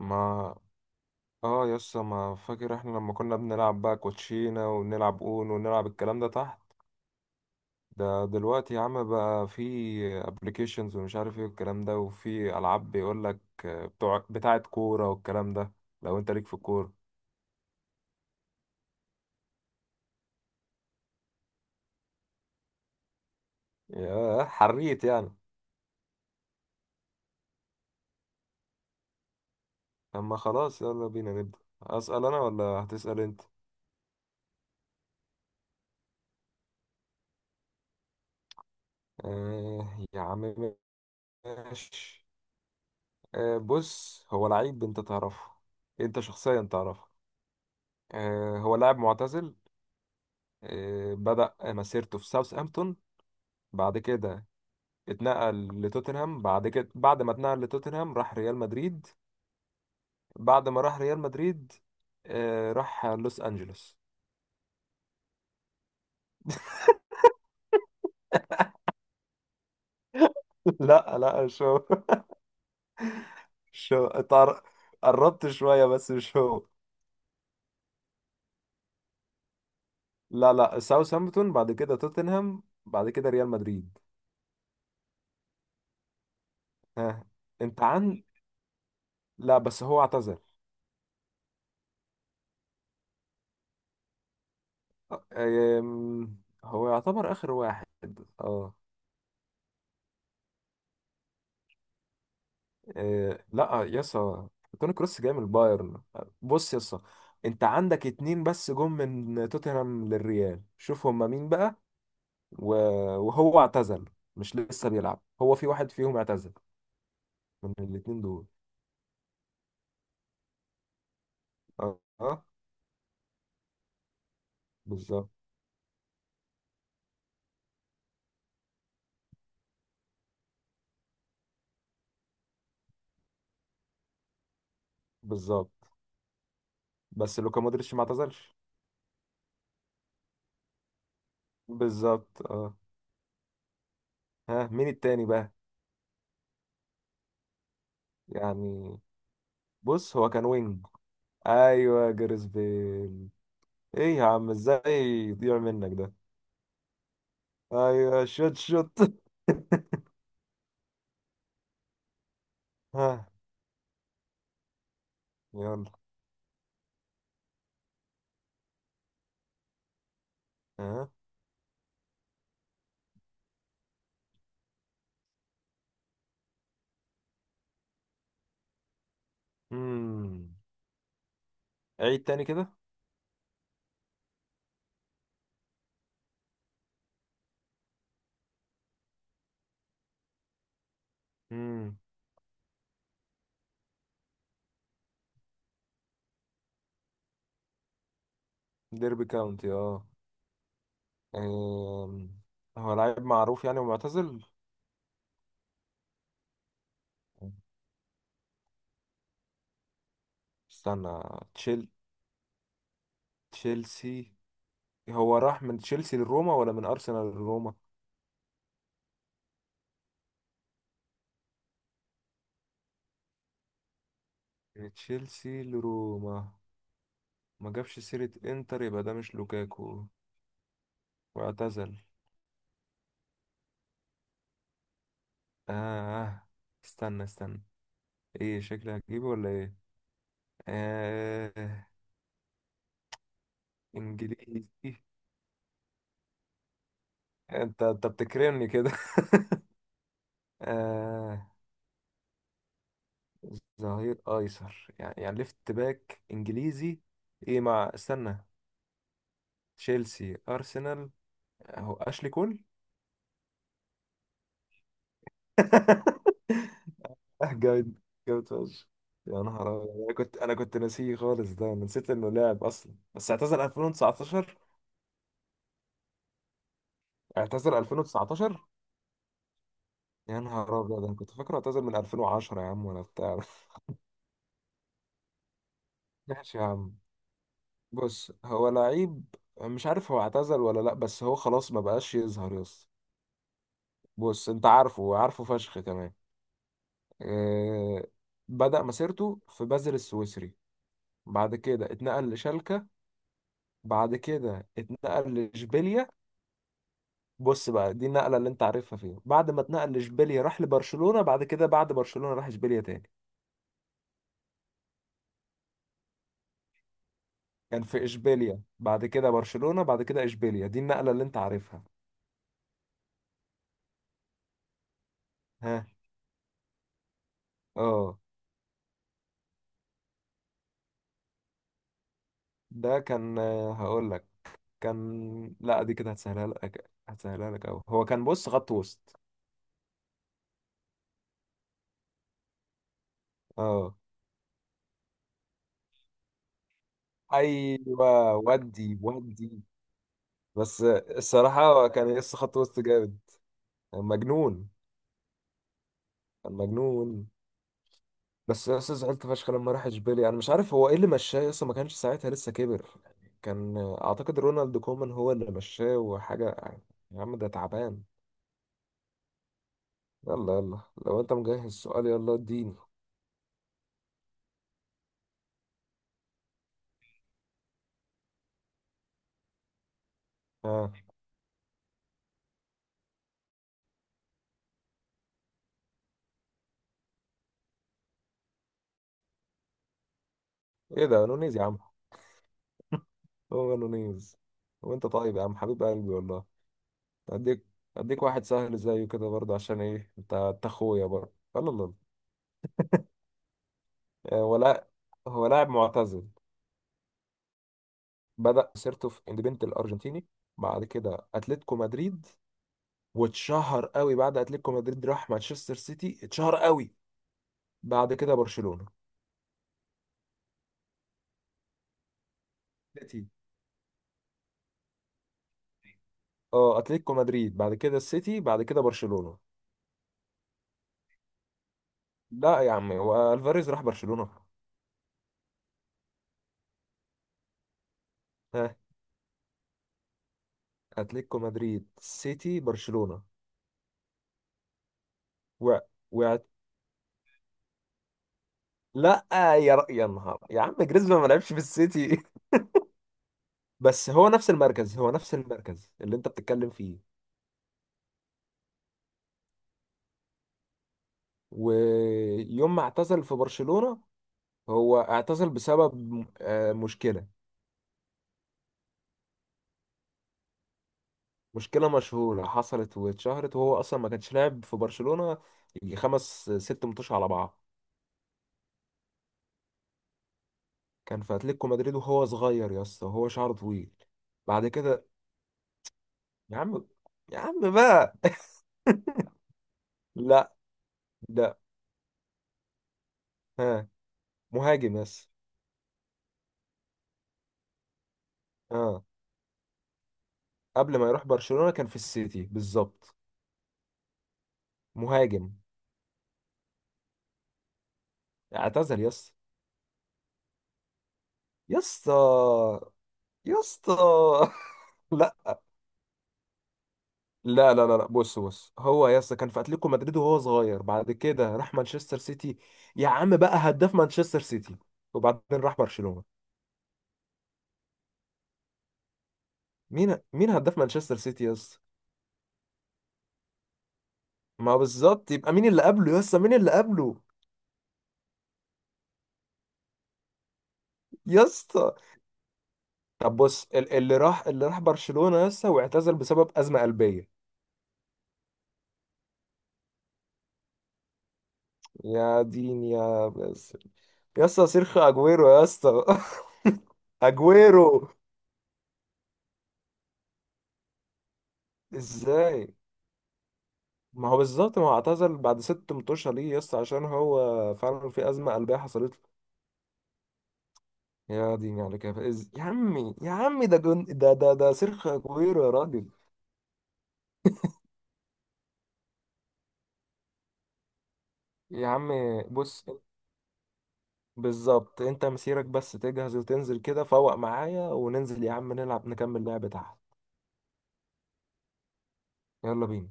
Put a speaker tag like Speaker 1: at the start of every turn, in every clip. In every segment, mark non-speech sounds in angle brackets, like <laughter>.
Speaker 1: ما. اه يسا، ما فاكر احنا لما كنا بنلعب بقى كوتشينة، ونلعب اون، ونلعب الكلام ده تحت؟ ده دلوقتي يا عم بقى في ابلكيشنز ومش عارف ايه والكلام ده، وفي العاب بيقول لك بتوع بتاعة كورة والكلام ده. لو انت ليك في الكورة. يا حريت يعني. اما خلاص يلا بينا نبدأ، اسأل انا ولا هتسأل انت؟ يا عم، ماشي. بص، هو لعيب انت تعرفه، انت شخصيا تعرفه. هو لاعب معتزل. بدأ مسيرته في ساوثهامبتون، بعد كده اتنقل لتوتنهام، بعد كده بعد ما اتنقل لتوتنهام راح ريال مدريد. بعد ما راح ريال مدريد، راح لوس أنجلوس. <laughs> لا لا، مش هو. مش هو. قربت شوية بس مش هو. لا لا، ساوثهامبتون بعد كده توتنهام بعد كده ريال مدريد. ها. انت عن لا بس هو اعتزل. آه، آم، هو يعتبر آخر واحد. اه. إيه لا يسا، توني كروس جاي من البايرن. بص يسا، انت عندك اتنين بس جم من توتنهام للريال، شوف هما مين بقى. و- وهو اعتزل، مش لسه بيلعب، هو في واحد فيهم اعتزل من الاتنين دول. اه اه. بالظبط. بالظبط بس لوكا مودريتش ما اعتزلش. بالظبط اه. ها مين التاني بقى؟ يعني بص هو كان وينج. ايوه جاريث بيل. ايه يا عم، ازاي يضيع منك ده. ايوه شوت شوت <laughs> ها. يلا. ها. امم عيد تاني كده. امم ديربي كاونتي اه. أم، هو لعيب معروف يعني ومعتزل. استنى، تشيل تشيلسي. هو راح من تشيلسي لروما ولا من ارسنال لروما؟ من تشيلسي لروما. ما جابش سيرة انتر، يبقى ده مش لوكاكو. واعتزل اه. استنى استنى، ايه شكلي هتجيبه ولا ايه؟ آه. انجليزي. انت انت بتكرمني كده <laughs> آه. ظهير ايسر يعني، يعني ليفت باك انجليزي. ايه، مع استنى، تشيلسي ارسنال، اهو اشلي كول. <laughs> اه جامد. جامد فشخ. يا نهار أبيض. انا كنت، انا كنت ناسيه خالص، ده أنا نسيت انه لاعب اصلا، بس اعتزل 2019. اعتزل 2019. يا نهار ابيض، انا كنت فاكره اعتزل من 2010 يا عم ولا بتاع. <laughs> ماشي يا عم. بص هو لعيب، مش عارف هو اعتزل ولا لا، بس هو خلاص ما بقاش يظهر يس. بص انت عارفه، عارفه فشخ كمان. آه، بدأ مسيرته في بازل السويسري، بعد كده اتنقل لشالكة، بعد كده اتنقل لإشبيليا. بص بقى دي النقلة اللي انت عارفها فيها، بعد ما اتنقل لإشبيليا راح لبرشلونة، بعد كده بعد برشلونة راح إشبيليا تاني. كان في إشبيليا بعد كده برشلونة بعد كده إشبيليا، دي النقلة اللي انت عارفها. ها اه. ده كان، هقول لك. كان، لا دي كده هتسهلها لك، هتسهلها لك أوي. هو كان بص خط وسط. اه. ايوه ودي. بس الصراحة كان يقص خط وسط جامد. كان مجنون. كان مجنون. بس يا اسطى زعلت فشخ لما راح اشبيليا، انا مش عارف هو ايه اللي مشاه يا اسطى، ما كانش ساعتها لسه كبر يعني، كان اعتقد رونالد كومان هو اللي مشاه وحاجة يعني. يا عم ده تعبان. يلا يلا لو انت مجهز السؤال يلا اديني. ها. ايه ده نونيز يا عم؟ هو نونيز. وانت طيب يا عم حبيب قلبي والله. اديك. اديك واحد سهل زيه كده برضه، عشان ايه؟ انت انت اخويا برضه، يلا يلا. ولا، هو لاعب معتزل. بدأ مسيرته في اندبنت الأرجنتيني، بعد كده أتلتيكو مدريد، واتشهر قوي، بعد أتلتيكو مدريد راح مانشستر سيتي، اتشهر قوي، بعد كده برشلونة. سيتي اه. أتلتيكو مدريد بعد كده السيتي بعد كده برشلونة. لا يا عم، هو ألفاريز راح برشلونة. ها، أتلتيكو مدريد سيتي برشلونة. و... و... لا. يا نهار يا عم، جريزمان ما لعبش في السيتي <laughs> بس هو نفس المركز، هو نفس المركز اللي انت بتتكلم فيه. ويوم ما اعتزل في برشلونة، هو اعتزل بسبب مشكلة. مشكلة مشهورة حصلت واتشهرت، وهو أصلا ما كانش لاعب في برشلونة، يجي خمس ست ماتش على بعض. كان في أتلتيكو مدريد وهو صغير يا اسطى، وهو شعره طويل. بعد كده. يا عم، يا عم بقى. لا، ده. ها. مهاجم بس. اه، قبل ما يروح برشلونة كان في السيتي بالظبط. مهاجم. اعتزل يا اسطى. يا اسطى. يا اسطى <laughs> لا لا لا لا، لا بص بص، هو يا اسطى كان في اتلتيكو مدريد وهو صغير، بعد كده راح مانشستر سيتي، يا عم بقى هداف مانشستر سيتي، وبعدين راح برشلونة. مين مين هداف مانشستر سيتي يا اسطى؟ ما بالظبط، يبقى مين اللي قبله يا اسطى، مين اللي قبله؟ يا اسطى. طب بص، اللي راح، اللي راح برشلونة يا اسطى واعتزل بسبب أزمة قلبية. يا دين يا بس، يا اسطى سيرخو اجويرو يا اسطى <laughs> اجويرو ازاي؟ ما هو بالظبط، ما هو اعتزل بعد ست متوشة ليه يس، عشان هو فعلا في أزمة قلبية حصلت له. يا ديني على كيف، يا عمي يا عمي ده ده ده سيرخ كوير يا راجل. يا عمي بص، بالظبط، انت مسيرك بس تجهز وتنزل كده فوق معايا وننزل يا عم نلعب، نكمل لعبة تحت. يلا بينا.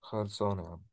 Speaker 1: خلصانة يا عم.